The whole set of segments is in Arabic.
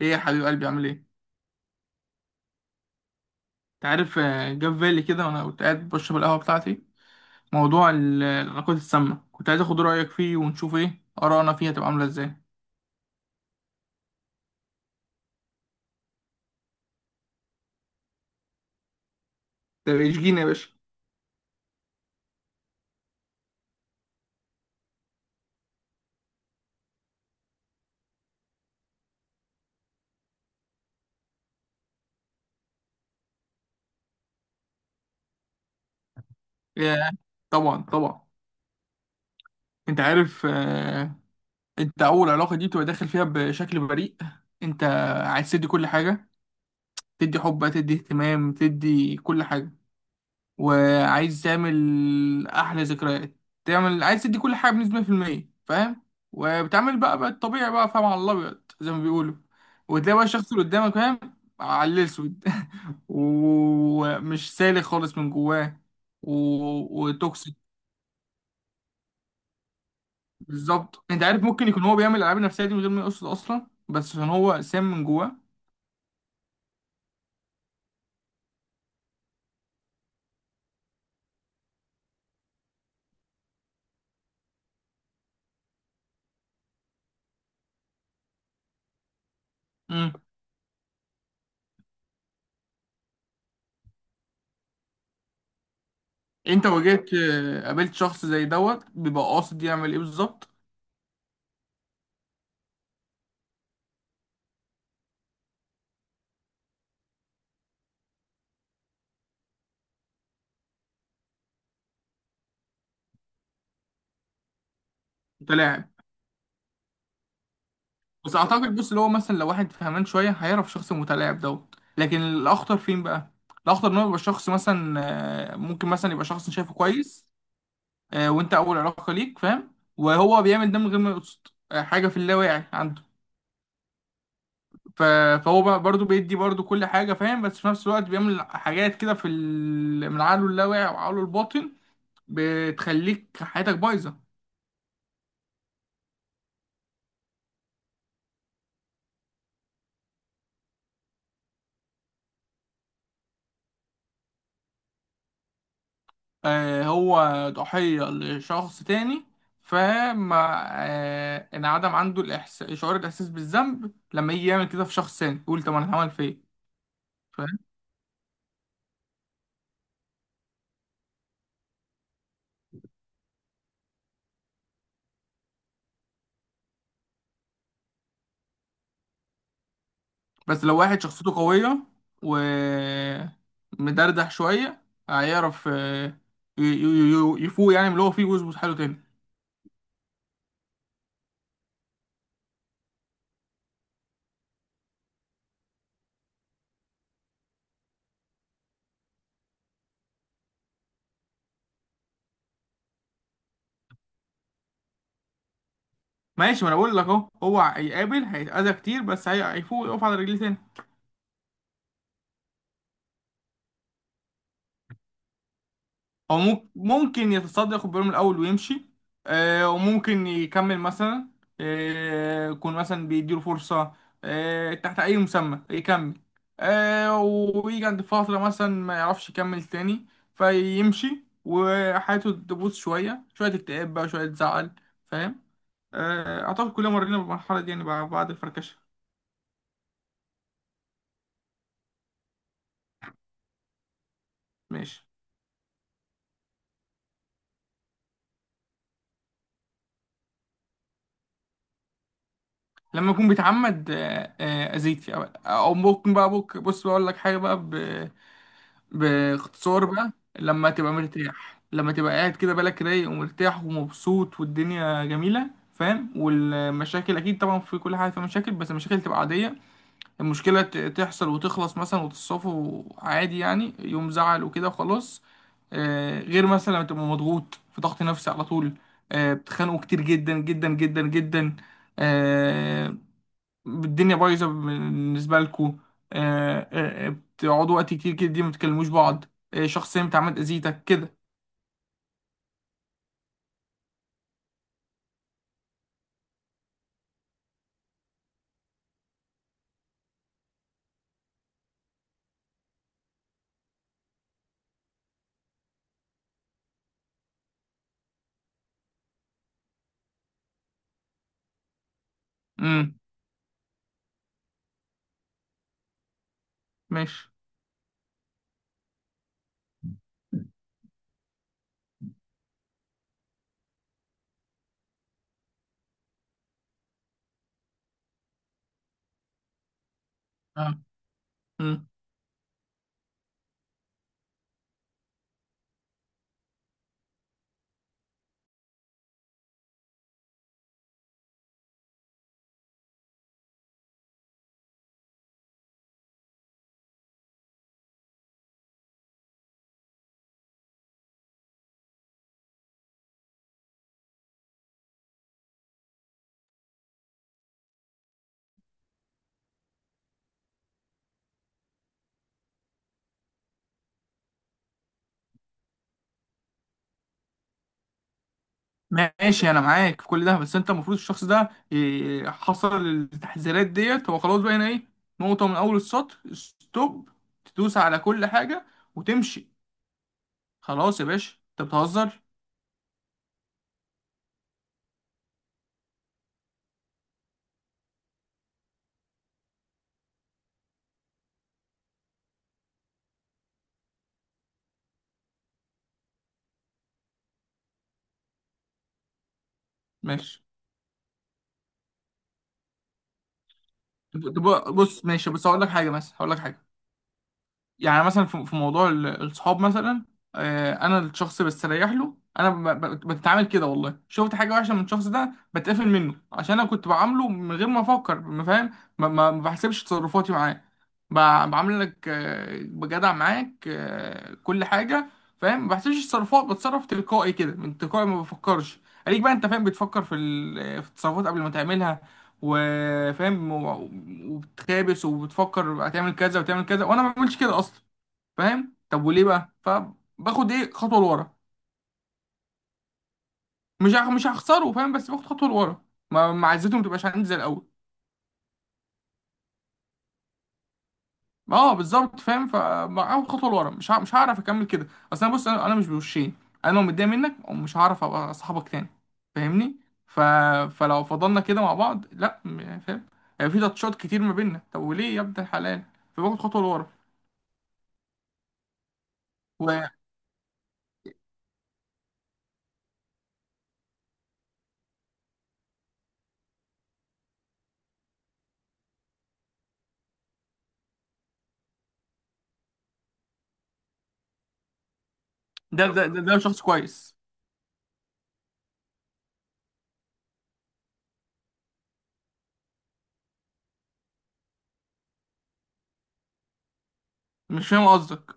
ايه يا حبيب قلبي، عامل ايه؟ انت عارف جه في بالي كده وانا كنت قاعد بشرب القهوه بتاعتي. موضوع العلاقات السامه، كنت عايز اخد رايك فيه ونشوف ايه ارائنا فيها تبقى عامله ازاي. طب اشجيني يا باشا. يا طبعا طبعا. انت عارف انت اول علاقه دي بتبقى داخل فيها بشكل بريء. انت عايز تدي كل حاجه، تدي حب، تدي اهتمام، تدي كل حاجه، وعايز تعمل احلى ذكريات. عايز تدي كل حاجه بنسبه 100%، فاهم؟ وبتعمل بقى الطبيعي بقى، فاهم، على الابيض زي ما بيقولوا. وتلاقي بقى الشخص اللي قدامك فاهم على الاسود. ومش سالك خالص من جواه و... وتوكسيك. بالظبط. انت عارف، ممكن يكون هو بيعمل الالعاب النفسيه دي من غير ما يقصد اصلا، بس عشان هو سام من جواه. مم. انت واجهت آه، قابلت شخص زي دوت بيبقى قاصد يعمل ايه بالظبط؟ انت لاعب. بس اعتقد، بص، اللي هو مثلا لو واحد فهمان شويه هيعرف الشخص المتلاعب دوت، لكن الاخطر فين بقى؟ الاخطر ان هو يبقى شخص مثلا ممكن مثلا يبقى شخص شايفه كويس. وانت اول علاقه ليك فاهم، وهو بيعمل ده من غير ما يقصد. حاجه في اللاواعي عنده. ف- فهو بقى برضه بيدي برضه كل حاجه، فاهم؟ بس في نفس الوقت بيعمل حاجات كده من عقله اللاواعي وعقله الباطن. بتخليك حياتك بايظه. هو ضحية لشخص تاني، فما انعدم عنده شعور الإحساس بالذنب لما يجي يعمل كده في شخص تاني، يقول طب أنا هعمل في إيه؟ فاهم؟ بس لو واحد شخصيته قوية ومدردح شوية هيعرف يفوق يعني من اللي هو فيه ويظبط حاله تاني. ماشي. ما أنا بقول لك أهو، هو هيقابل، هيتأذى كتير، بس هيفوق، يقف على رجليه تاني. هو ممكن يتصدى، ياخد باله من الاول ويمشي. وممكن يكمل مثلا، يكون مثلا بيديله فرصه، تحت اي مسمى يكمل، ويجي عند فتره مثلا ما يعرفش يكمل تاني، فيمشي وحياته تبوظ شويه شويه، اكتئاب بقى شويه، زعل. فاهم؟ اعتقد كلنا مرينا بالمرحله دي يعني، بعد الفركشه. ماشي. لما يكون بيتعمد اذيك، او ممكن بقى، بص بقول لك حاجه بقى، باختصار بقى. لما تبقى مرتاح، لما تبقى قاعد كده بالك رايق ومرتاح ومبسوط والدنيا جميلة، فاهم؟ والمشاكل اكيد طبعا، في كل حاجه في مشاكل، بس المشاكل تبقى عاديه. المشكله تحصل وتخلص مثلا، وتتصافوا عادي، يعني يوم زعل وكده وخلاص. غير مثلا لما تبقى مضغوط، في ضغط نفسي على طول. بتخانقوا كتير جدا جدا جدا جدا. آه، الدنيا بايظه بالنسبه لكم. بتقعدوا وقت كتير كده دي ما بتكلموش بعض. شخص انت عملت اذيتك كده. امم. ماشي. اه. امم. ماشي. انا معاك في كل ده، بس انت المفروض الشخص ده حصل التحذيرات ديت، هو خلاص بقى هنا ايه؟ نقطه من اول السطر، ستوب. تدوس على كل حاجه وتمشي. خلاص يا باشا انت بتهزر. ماشي. طب- طب بص ماشي، بس هقول لك حاجه، مثلا هقول لك حاجه. يعني مثلا في موضوع الصحاب مثلا. انا الشخص بستريح له، انا بتعامل كده، والله شفت حاجه وحشه من الشخص ده بتقفل منه عشان انا كنت بعامله من غير ما افكر، ما فاهم؟ ما بحسبش تصرفاتي معاه. ب- بعاملك بجدع معاك كل حاجه، فاهم؟ ما بحسبش تصرفات، بتصرف تلقائي كده، من تلقائي ما بفكرش. عليك بقى انت فاهم، بتفكر في التصرفات قبل ما تعملها وفاهم، وبتخابس وبتفكر هتعمل كذا وتعمل كذا، وانا ما بعملش كده اصلا. فاهم؟ طب وليه بقى، فباخد ايه خطوه لورا. مش هخسره، فاهم؟ بس باخد خطوه لورا، ما عزته ما تبقاش عندي زي الاول. اه بالظبط، فاهم، فاخد خطوه لورا، مش هعرف اكمل كده. اصل انا، بص، انا مش بوشين. انا لو متضايق منك مش هعرف ابقى صاحبك تاني، فاهمني؟ ف... فلو فضلنا كده مع بعض، لا يعني فاهم، يعني في تاتشات كتير ما بيننا، طب وليه يا ابن الحلال؟ فباخد خطوه لورا. وده ده شخص كويس. مش فاهم قصدك.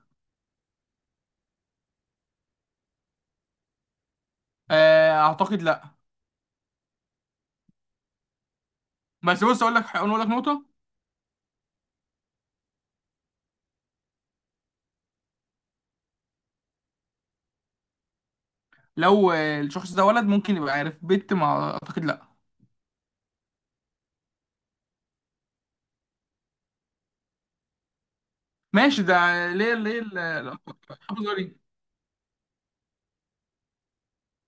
اعتقد لا. بس بص اقول لك نقطه، لو الشخص ده ولد ممكن يبقى عارف، بنت ما اعتقد لا. ماشي ده. ليه حافظ غريب.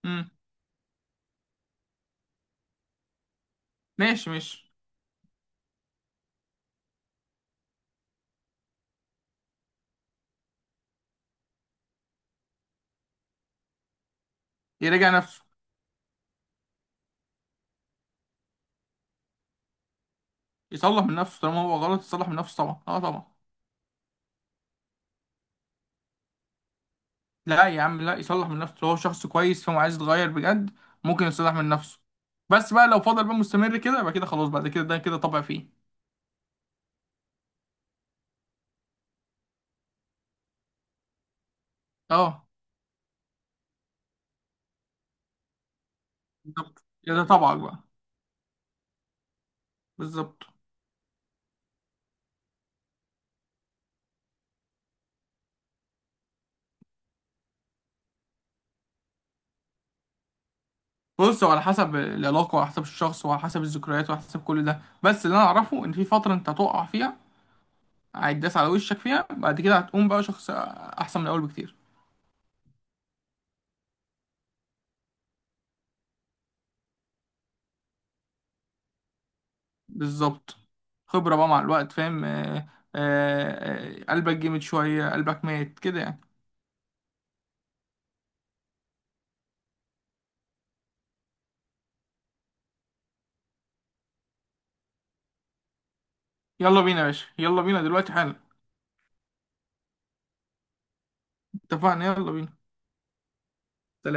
امم. ماشي ماشي. يراجع نفسه. يصلح من نفسه طالما هو غلط، يصلح من نفسه طبعا، اه طبعا. لا يا عم لا، يصلح من نفسه لو هو شخص كويس، فهو عايز يتغير بجد، ممكن يصلح من نفسه. بس بقى لو فضل بقى مستمر كده، يبقى كده خلاص، بعد كده ده كده طبع فيه. اه بالظبط، كده ده طبعك بقى. بالظبط. بص، هو على حسب العلاقة وعلى حسب الشخص وعلى حسب الذكريات وعلى حسب كل ده، بس اللي انا اعرفه ان في فترة انت هتقع فيها، هيتداس على وشك فيها، بعد كده هتقوم بقى شخص احسن من الاول بكتير. بالظبط. خبرة بقى مع الوقت، فاهم؟ آه، قلبك جامد شوية، قلبك مات كده يعني. يلا بينا يا باشا، يلا بينا دلوقتي حالا. اتفقنا يلا بينا. سلام.